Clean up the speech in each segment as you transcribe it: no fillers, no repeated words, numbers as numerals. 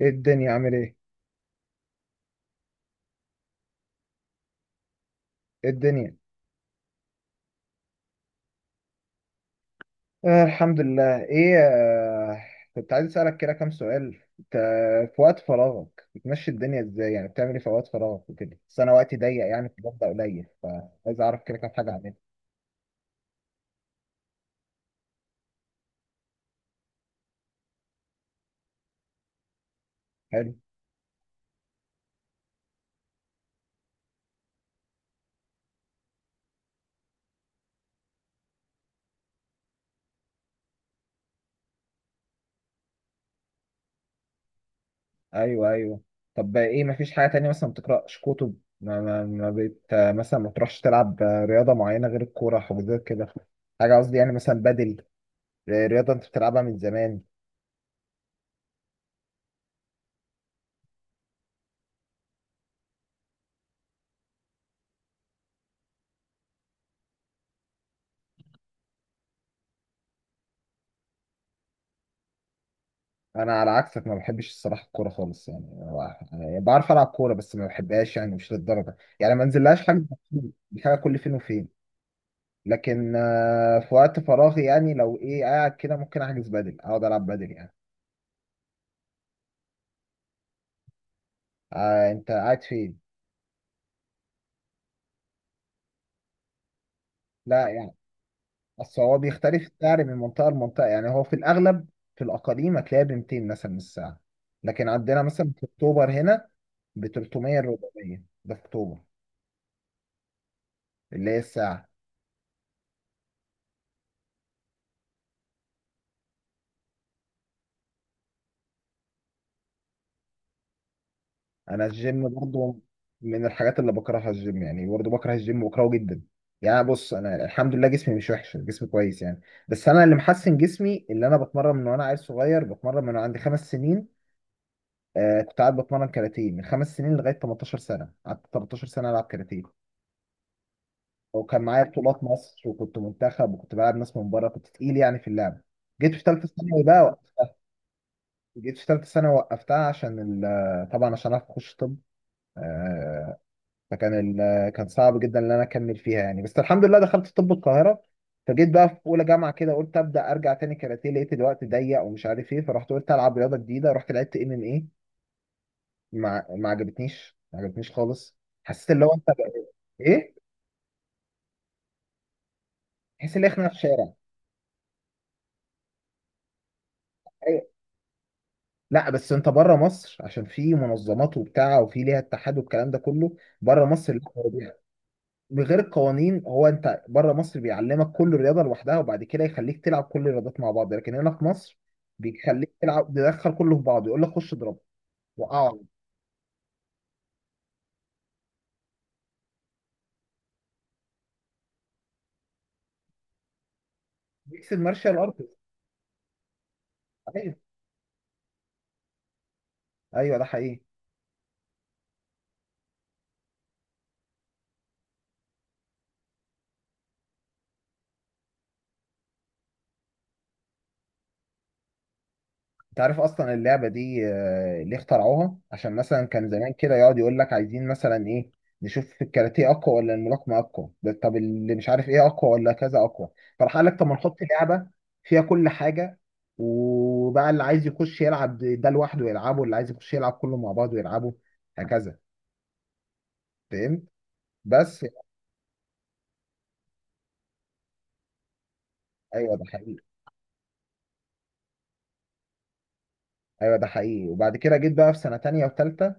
ايه الدنيا عامل ايه؟ ايه الدنيا؟ الحمد لله. ايه كنت عايز اسألك كده كام سؤال. انت في وقت فراغك بتمشي الدنيا ازاي؟ يعني بتعمل ايه في وقت فراغك وكده؟ بس انا وقتي ضيق يعني في المبدأ قليل، فعايز اعرف كده كام حاجة اعملها. حلو. ايوه ايوه. طب ايه؟ مفيش حاجة تانية مثلا؟ ما بتقرأش كتب؟ ما, ما, ما بت آه، مثلا ما بتروحش تلعب رياضة معينة غير الكورة، حاجات كده؟ حاجة قصدي يعني، مثلا بدل رياضة انت بتلعبها من زمان. انا على عكسك ما بحبش الصراحه الكوره خالص يعني. يعني بعرف العب كوره بس ما بحبهاش يعني، مش للدرجه، يعني ما انزلهاش حاجه كتير، دي حاجه كل فين وفين. لكن في وقت فراغي يعني لو ايه قاعد كده، ممكن احجز بدل، اقعد العب بدل يعني. آه انت قاعد فين؟ لا يعني اصل هو بيختلف السعر من منطقه لمنطقه، يعني هو في الاغلب في الاقاليم هتلاقيها ب 200 مثلا من الساعه، لكن عندنا مثلا في اكتوبر هنا ب 300 400، ده في اكتوبر، اللي هي الساعه. انا الجيم برضو من الحاجات اللي بكرهها، الجيم يعني برضو بكره الجيم، بكرهه جدا يعني. بص، انا الحمد لله جسمي مش وحش، جسمي كويس يعني. بس انا اللي محسن جسمي، اللي انا بتمرن من وانا عيل صغير، بتمرن من عندي خمس سنين. آه كنت قاعد بتمرن كاراتيه من خمس سنين لغايه 18 سنه، قعدت 13 سنه العب كاراتيه، وكان معايا بطولات مصر وكنت منتخب وكنت بلعب ناس من بره، كنت تقيل يعني في اللعب. جيت في ثالثه ثانوي بقى وقفتها. جيت في ثالثه ثانوي وقفتها عشان طبعا عشان اعرف اخش طب. آه، فكان كان صعب جدا ان انا اكمل فيها يعني، بس الحمد لله دخلت طب القاهره. فجيت بقى في اولى جامعه كده، قلت ابدا ارجع تاني كاراتيه، لقيت الوقت ضيق ومش عارف ايه، فرحت قلت العب رياضه جديده، رحت لعبت ام ام ايه. ما عجبتنيش، ما عجبتنيش خالص. حسيت اللي هو انت بقى ايه، تحس ان احنا في الشارع. أيوة. لا بس انت بره مصر عشان في منظمات وبتاع، وفي ليها اتحاد والكلام ده كله بره مصر. لا، بغير القوانين، هو انت بره مصر بيعلمك كل رياضه لوحدها، وبعد كده يخليك تلعب كل الرياضات مع بعض، لكن هنا في مصر بيخليك تلعب تدخل كله في بعضه، يقول لك خش اضرب وقعه. ميكس المارشال ارتست. ايوه ايوه، ده حقيقي. انت عارف اصلا اللعبه دي ليه اخترعوها؟ عشان مثلا كان زمان كده يقعد يقول لك عايزين مثلا ايه، نشوف الكاراتيه اقوى ولا الملاكمه اقوى، ده طب اللي مش عارف ايه اقوى ولا كذا اقوى. فراح قال لك طب ما نحط لعبه فيها كل حاجه، وبقى اللي عايز يخش يلعب ده لوحده يلعبه، واللي عايز يخش يلعب كله مع بعضه يلعبه. هكذا، فهمت؟ بس. ايوه ده حقيقي. ايوه ده حقيقي. وبعد كده جيت بقى في سنه تانية وتالتة،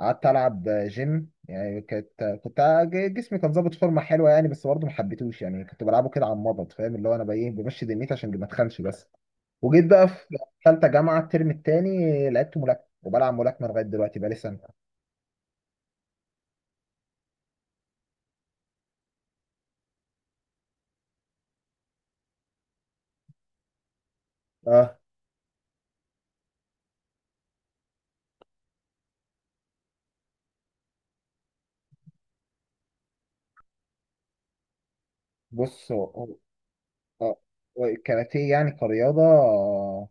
قعدت العب جيم يعني. كانت كنت جسمي كان ظابط فورمه حلوه يعني، بس برضه ما حبيتهوش يعني، كنت بلعبه كده على المضض، فاهم؟ اللي هو انا بقى ايه، بمشي دنيتي عشان ما اتخنش بس. وجيت بقى في ثالثه جامعه الترم الثاني لعبت ملاكمه، وبلعب ملاكمه لغايه دلوقتي، بقى لي سنه. اه. بص اه. هو الكاراتيه يعني كرياضه،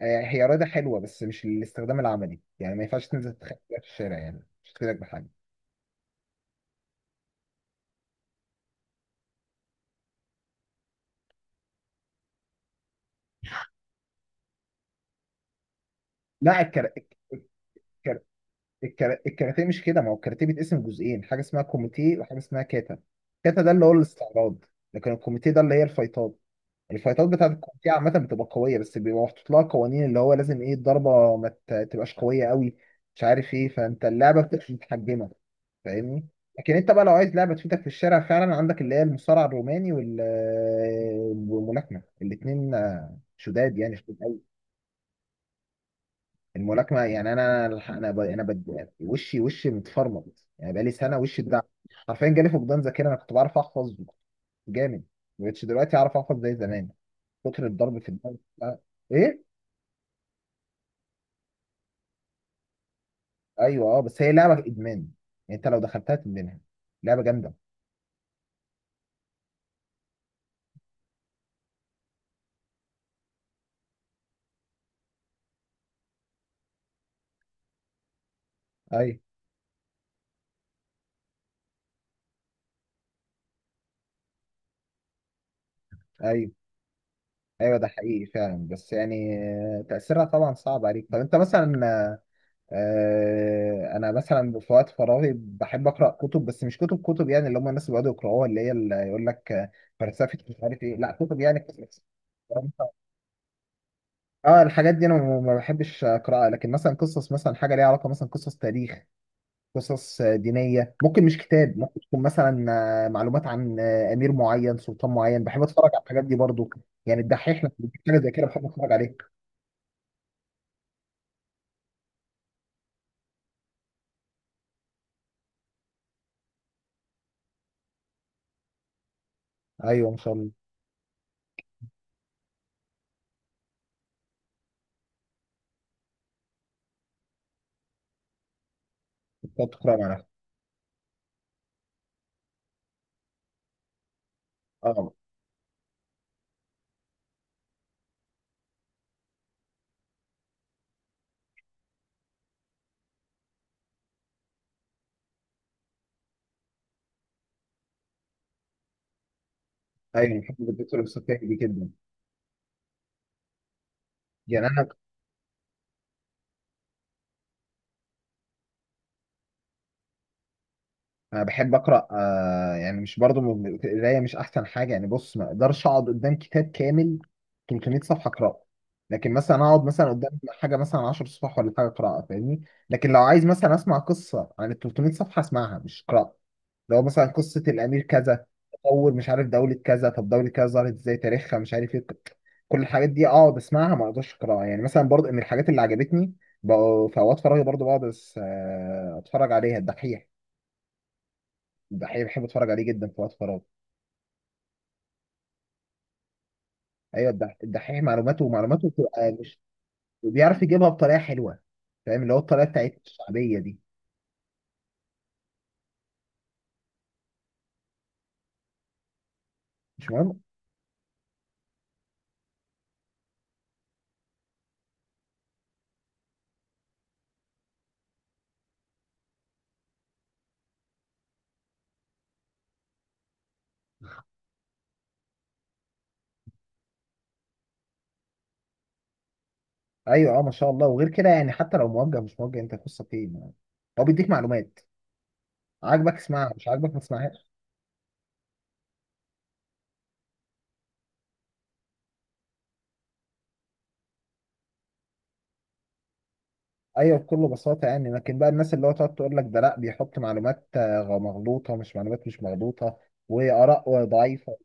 يعني هي رياضه حلوه بس مش الاستخدام العملي يعني. ما ينفعش تنزل تخبط في الشارع يعني، مش هتفيدك بحاجه. لا الكاراتيه. الكاراتيه مش كده، ما هو الكاراتيه بيتقسم جزئين، حاجه اسمها كوميتيه وحاجه اسمها كاتا. كاتا ده اللي هو الاستعراض، لكن الكوميتيه ده اللي هي الفايتات. الفايتات بتاعت الكوميتيه عامه بتبقى قويه، بس بيبقى محطوط لها قوانين، اللي هو لازم ايه الضربه ما تبقاش قويه قوي، مش عارف ايه، فانت اللعبه بتبقى متحجمه، فاهمني؟ لكن انت بقى لو عايز لعبه تفيدك في الشارع فعلا، عندك اللي هي المصارعه الروماني والملاكمه، الاثنين شداد يعني، شداد. الملاكمه يعني، وشي، وشي متفرمط يعني بقالي سنه، وشي اتدعم حرفيا. جالي فقدان ذاكره، انا كنت بعرف احفظ جامد، ما بقتش دلوقتي اعرف احفظ زي زمان، كتر الضرب في الدماغ. آه. ايه؟ ايوه اه، بس هي لعبه ادمان يعني، انت لو دخلتها تدمنها، لعبه جامده. ايوه ايوه ايوه، ده حقيقي فعلا، بس يعني تاثيرها طبعا صعب عليك. طب انت مثلا، انا مثلا في وقت فراغي بحب اقرا كتب، بس مش كتب كتب يعني، اللي هم الناس اللي بيقعدوا يقراوها، اللي هي اللي يقول لك فلسفه مش عارف ايه، لا كتب يعني قصص. اه الحاجات دي انا ما بحبش اقراها، لكن مثلا قصص، مثلا حاجه ليها علاقه مثلا قصص تاريخ، قصص دينيه، ممكن مش كتاب، ممكن تكون مثلا معلومات عن امير معين، سلطان معين. بحب اتفرج على الحاجات دي برضو، يعني الدحيح لما بيجيب حاجه زي كده بحب اتفرج عليه. ايوه ما شاء الله. بتقعد تقرا مع نفسك؟ اه. ايوه بحب الدكتور الفلسفي دي جدا يعني. انا بحب اقرا آه، يعني مش برضو، القرايه مش احسن حاجه يعني. بص، ما اقدرش اقعد قدام كتاب كامل 300 صفحه اقراه، لكن مثلا اقعد مثلا قدام حاجه مثلا 10 صفح ولا حاجه اقراها، فاهمني؟ لكن لو عايز مثلا اسمع قصه عن ال 300 صفحه، اسمعها مش اقراها. لو مثلا قصه الامير كذا، تطور مش عارف دوله كذا، طب دوله كذا ظهرت ازاي، تاريخها مش عارف ايه، كل الحاجات دي اقعد اسمعها، ما اقدرش اقراها يعني. مثلا برضو من الحاجات اللي عجبتني بقوا في اوقات فراغي برضو بقعد اتفرج عليها الدحيح. الدحيح بحب اتفرج عليه جدا في وقت فراغ. ايوه الدحيح معلوماته، ومعلوماته بتبقى مش، بيعرف يجيبها بطريقه حلوه، فاهم؟ اللي هو الطريقه بتاعت الشعبيه دي. مش مهم. ايوه اه ما شاء الله. وغير كده يعني حتى لو موجه مش موجه، انت قصه فين يعني. هو بيديك معلومات، عاجبك اسمعها، مش عاجبك ما تسمعهاش. ايوه بكل بساطه يعني. لكن بقى الناس اللي هو تقعد تقول لك ده لا بيحط معلومات مغلوطه، مش معلومات مش مغلوطه، واراء ضعيفه.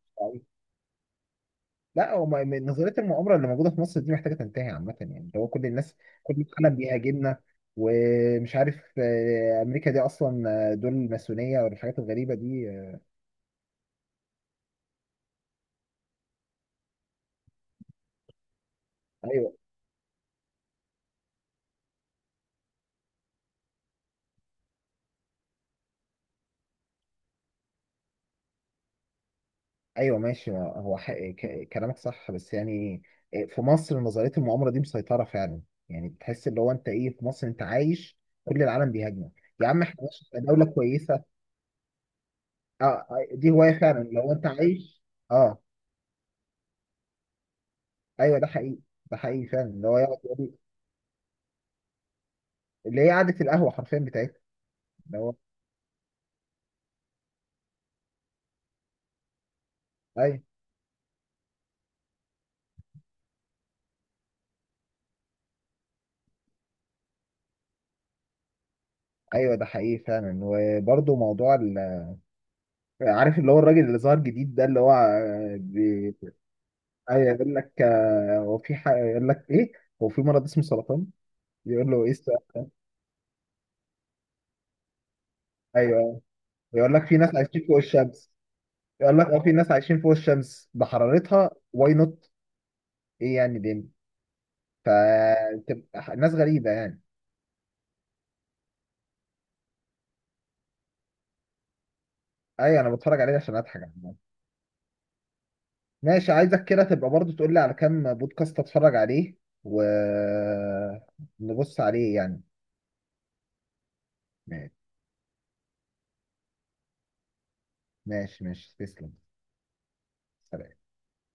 لا هو من نظريه المؤامره اللي موجوده في مصر دي محتاجه تنتهي عامه يعني، اللي هو كل الناس، كل العالم بيهاجمنا، ومش عارف امريكا دي اصلا دول الماسونيه والحاجات الغريبه دي ايوه ايوه ماشي. هو كلامك صح بس يعني، في مصر نظريه المؤامره دي مسيطره فعلا، يعني تحس اللي هو انت ايه، في مصر انت عايش، كل العالم بيهاجمك. يا عم احنا ماشي، إحنا دوله كويسه. اه دي هوايه فعلا لو انت عايش. اه. ايوه ده حقيقي، ده حقيقي فعلا، اللي هو يقعد يقول، اللي هي قعدة القهوة حرفيا بتاعتها، اللي هو. ايوه ايوه ده حقيقي فعلا. وبرضه موضوع عارف اللي هو الراجل اللي ظهر جديد ده، اللي هو ايوه. يقول لك هو في يقول لك ايه، هو في مرض اسمه سرطان، يقول له ايه السؤال؟ ايوه يقول لك في ناس عايشين فوق الشمس. يقول لك اه، في ناس عايشين فوق الشمس بحرارتها واي نوت. ايه يعني دي، فتبقى ناس غريبة يعني. ايوه انا بتفرج عليه عشان اضحك. ماشي، عايزك كده تبقى برضو تقول لي على كام بودكاست اتفرج عليه ونبص عليه يعني. ماشي ماشي ماشي، تسلم. سلام.